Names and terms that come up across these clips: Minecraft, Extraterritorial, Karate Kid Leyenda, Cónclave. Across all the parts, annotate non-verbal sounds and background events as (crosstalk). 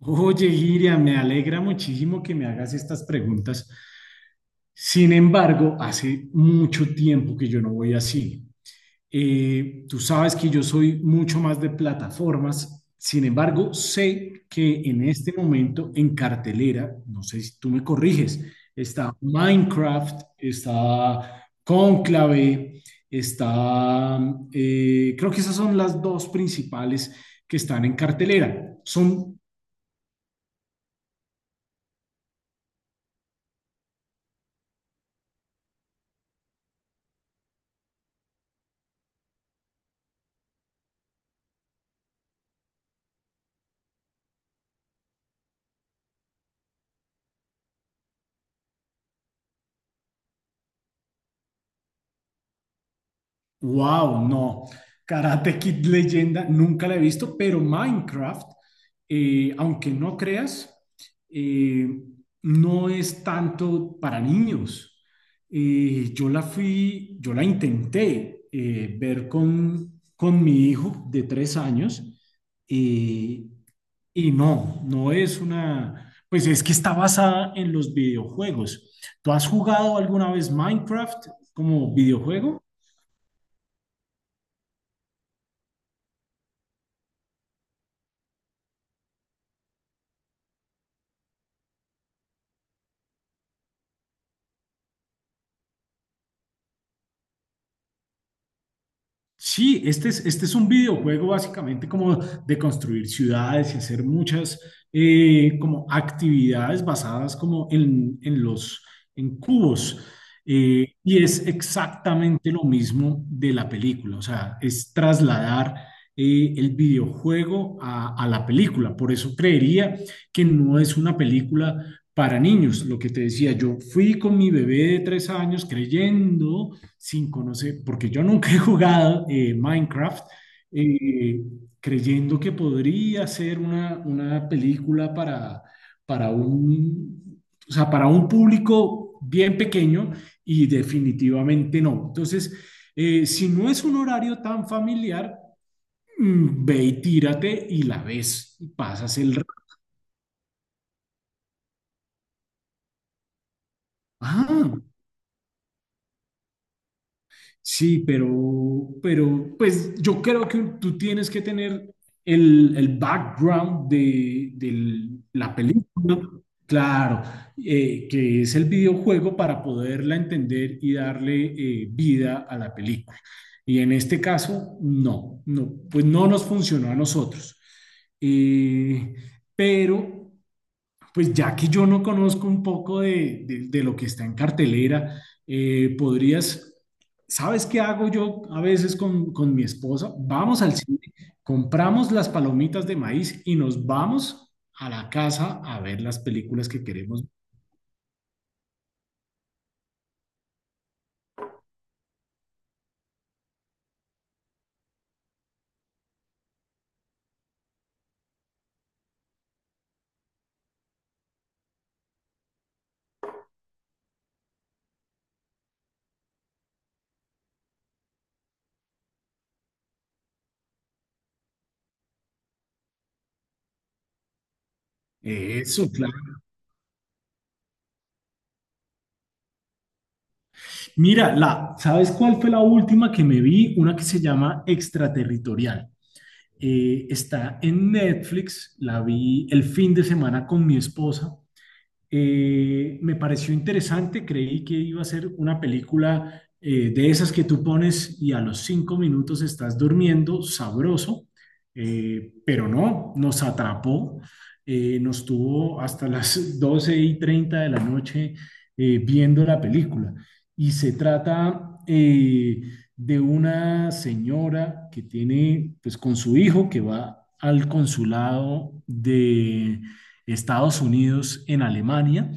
Oye, Iria, me alegra muchísimo que me hagas estas preguntas. Sin embargo, hace mucho tiempo que yo no voy a cine. Tú sabes que yo soy mucho más de plataformas. Sin embargo, sé que en este momento en cartelera, no sé si tú me corriges, está Minecraft, está Cónclave, está... creo que esas son las dos principales que están en cartelera. Son Wow, no. Karate Kid Leyenda, nunca la he visto, pero Minecraft, aunque no creas, eh, no es tanto para niños. Yo la intenté, ver con mi hijo de tres años, eh, y no, no es una, pues es que está basada en los videojuegos. ¿Tú has jugado alguna vez Minecraft como videojuego? Sí, este es un videojuego básicamente como de construir ciudades y hacer muchas, como actividades basadas como en cubos. Y es exactamente lo mismo de la película, o sea, es trasladar, el videojuego a la película. Por eso creería que no es una película para niños. Lo que te decía, yo fui con mi bebé de tres años creyendo 5, no sé, porque yo nunca he jugado, Minecraft, eh, creyendo que podría ser una película para un, o sea, para un público bien pequeño y definitivamente no. Entonces, si no es un horario tan familiar, ve y tírate y la ves y pasas el rato. Ah, sí, pero, pues yo creo que tú tienes que tener el background del la película, claro, que es el videojuego para poderla entender y darle, vida a la película. Y en este caso, no, no, pues no nos funcionó a nosotros. Eh, pero pues ya que yo no conozco un poco de lo que está en cartelera, eh, podrías, ¿sabes qué hago yo a veces con mi esposa? Vamos al cine, compramos las palomitas de maíz y nos vamos a la casa a ver las películas que queremos. Eso, claro. Mira, ¿sabes cuál fue la última que me vi? Una que se llama Extraterritorial. Está en Netflix, la vi el fin de semana con mi esposa. Me pareció interesante, creí que iba a ser una película, de esas que tú pones y a los cinco minutos estás durmiendo sabroso, pero no, nos atrapó, nos tuvo hasta las (laughs) 12 y 30 de la noche, viendo la película. Y se trata, de una señora que tiene, pues con su hijo, que va al consulado de Estados Unidos en Alemania,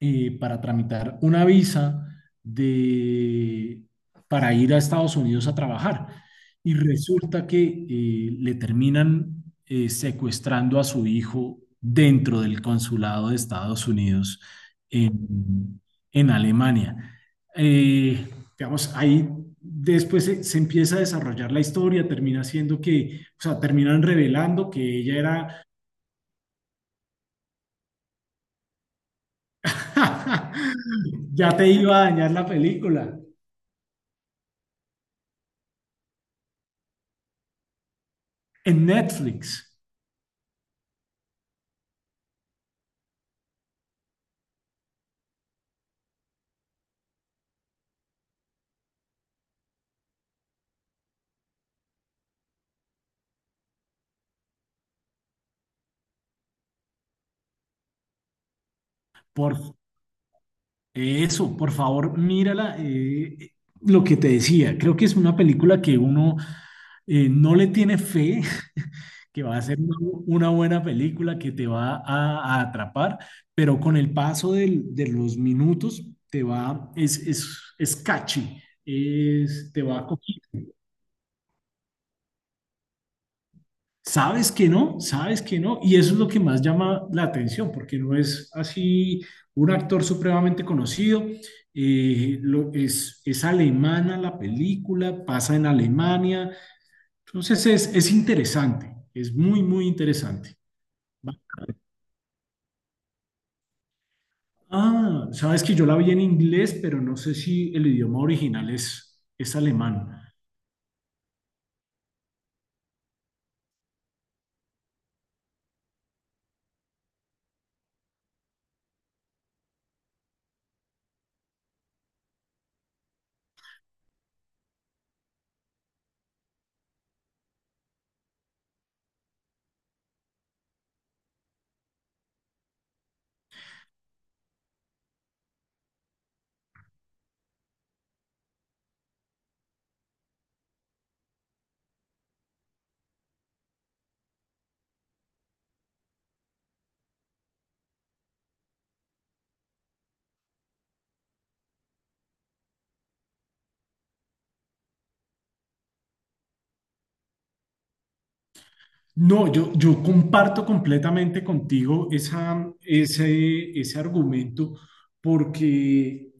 para tramitar una visa de, para ir a Estados Unidos a trabajar. Y resulta que, le terminan, secuestrando a su hijo dentro del consulado de Estados Unidos en, en Alemania. Eh, digamos, ahí después empieza a desarrollar la historia, termina siendo que, o sea, terminan revelando que ella era (laughs) Ya te iba a dañar la película. En Netflix. Por eso, por favor, mírala. Lo que te decía, creo que es una película que uno, no le tiene fe, (laughs) que va a ser una buena película, que te va a atrapar, pero con el paso de los minutos te va, es catchy, te va cogiendo. Sabes que no, y eso es lo que más llama la atención, porque no es así un actor supremamente conocido. Es alemana la película, pasa en Alemania, entonces es interesante, es muy, muy interesante. Ah, sabes que yo la vi en inglés, pero no sé si el idioma original es alemán. No, yo comparto completamente contigo ese argumento, porque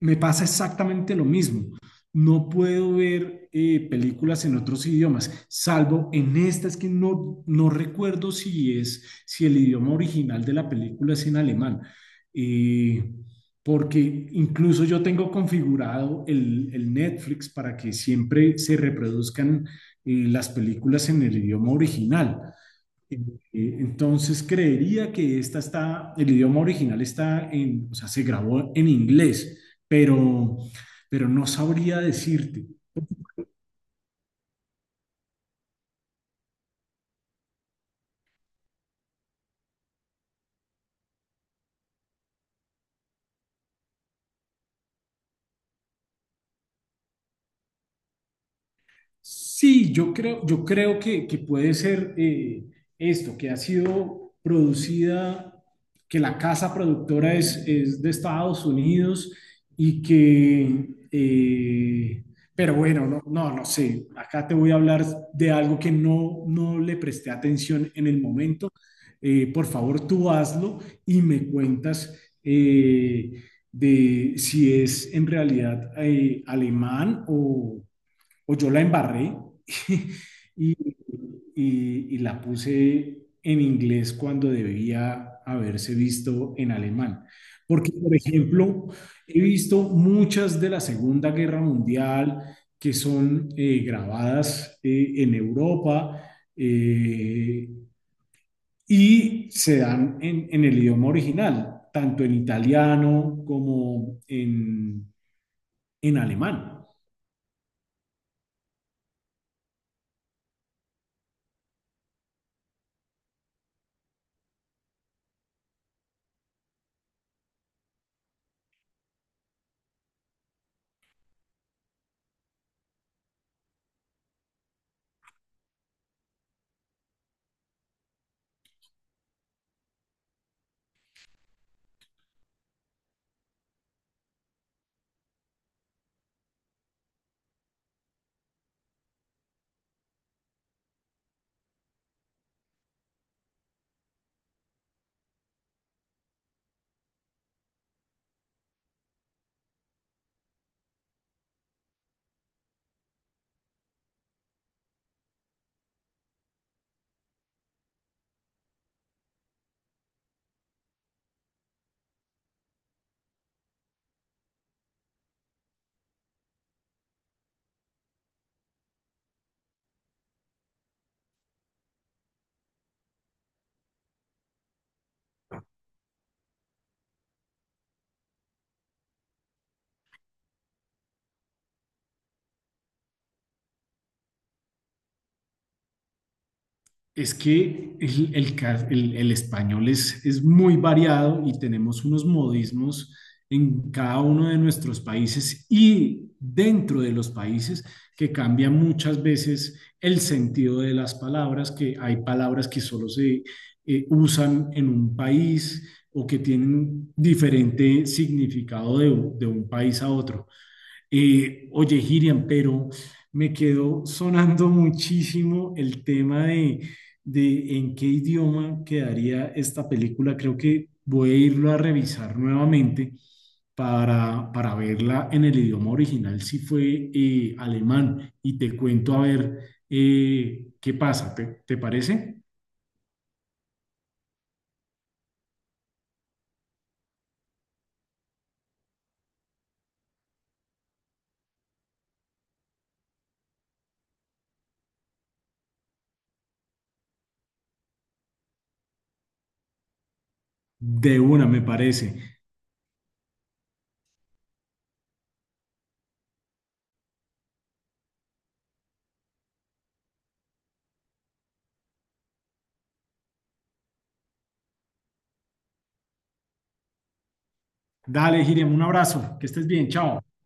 me pasa exactamente lo mismo. No puedo ver, películas en otros idiomas, salvo en esta, es que no, no recuerdo si el idioma original de la película es en alemán. Eh, Porque incluso yo tengo configurado el Netflix para que siempre se reproduzcan, las películas en el idioma original. Eh, Entonces creería que el idioma original está en, o sea, se grabó en inglés, pero, pero no sabría decirte. Sí, yo creo que puede ser, esto, que ha sido producida, que la casa productora es de Estados Unidos y que, pero bueno, no, no, no sé, acá te voy a hablar de algo que no, no le presté atención en el momento. Por favor, tú hazlo y me cuentas, eh, de si es en realidad, alemán o yo la embarré (laughs) y, y la puse en inglés cuando debía haberse visto en alemán. Porque, por ejemplo, he visto muchas de la Segunda Guerra Mundial que son, grabadas, en Europa, eh, y se dan en el idioma original, tanto en italiano como en alemán. Es que el español es muy variado y tenemos unos modismos en cada uno de nuestros países y dentro de los países que cambian muchas veces el sentido de las palabras, que hay palabras que solo se, usan en un país o que tienen diferente significado de un país a otro. Oye, Hiriam, pero me quedó sonando muchísimo el tema de en qué idioma quedaría esta película. Creo que voy a irlo a revisar nuevamente para verla en el idioma original, si fue, alemán, y te cuento a ver, qué pasa. ¿Te parece? De una, me parece. Dale, Hiriam, un abrazo. Que estés bien. Chao.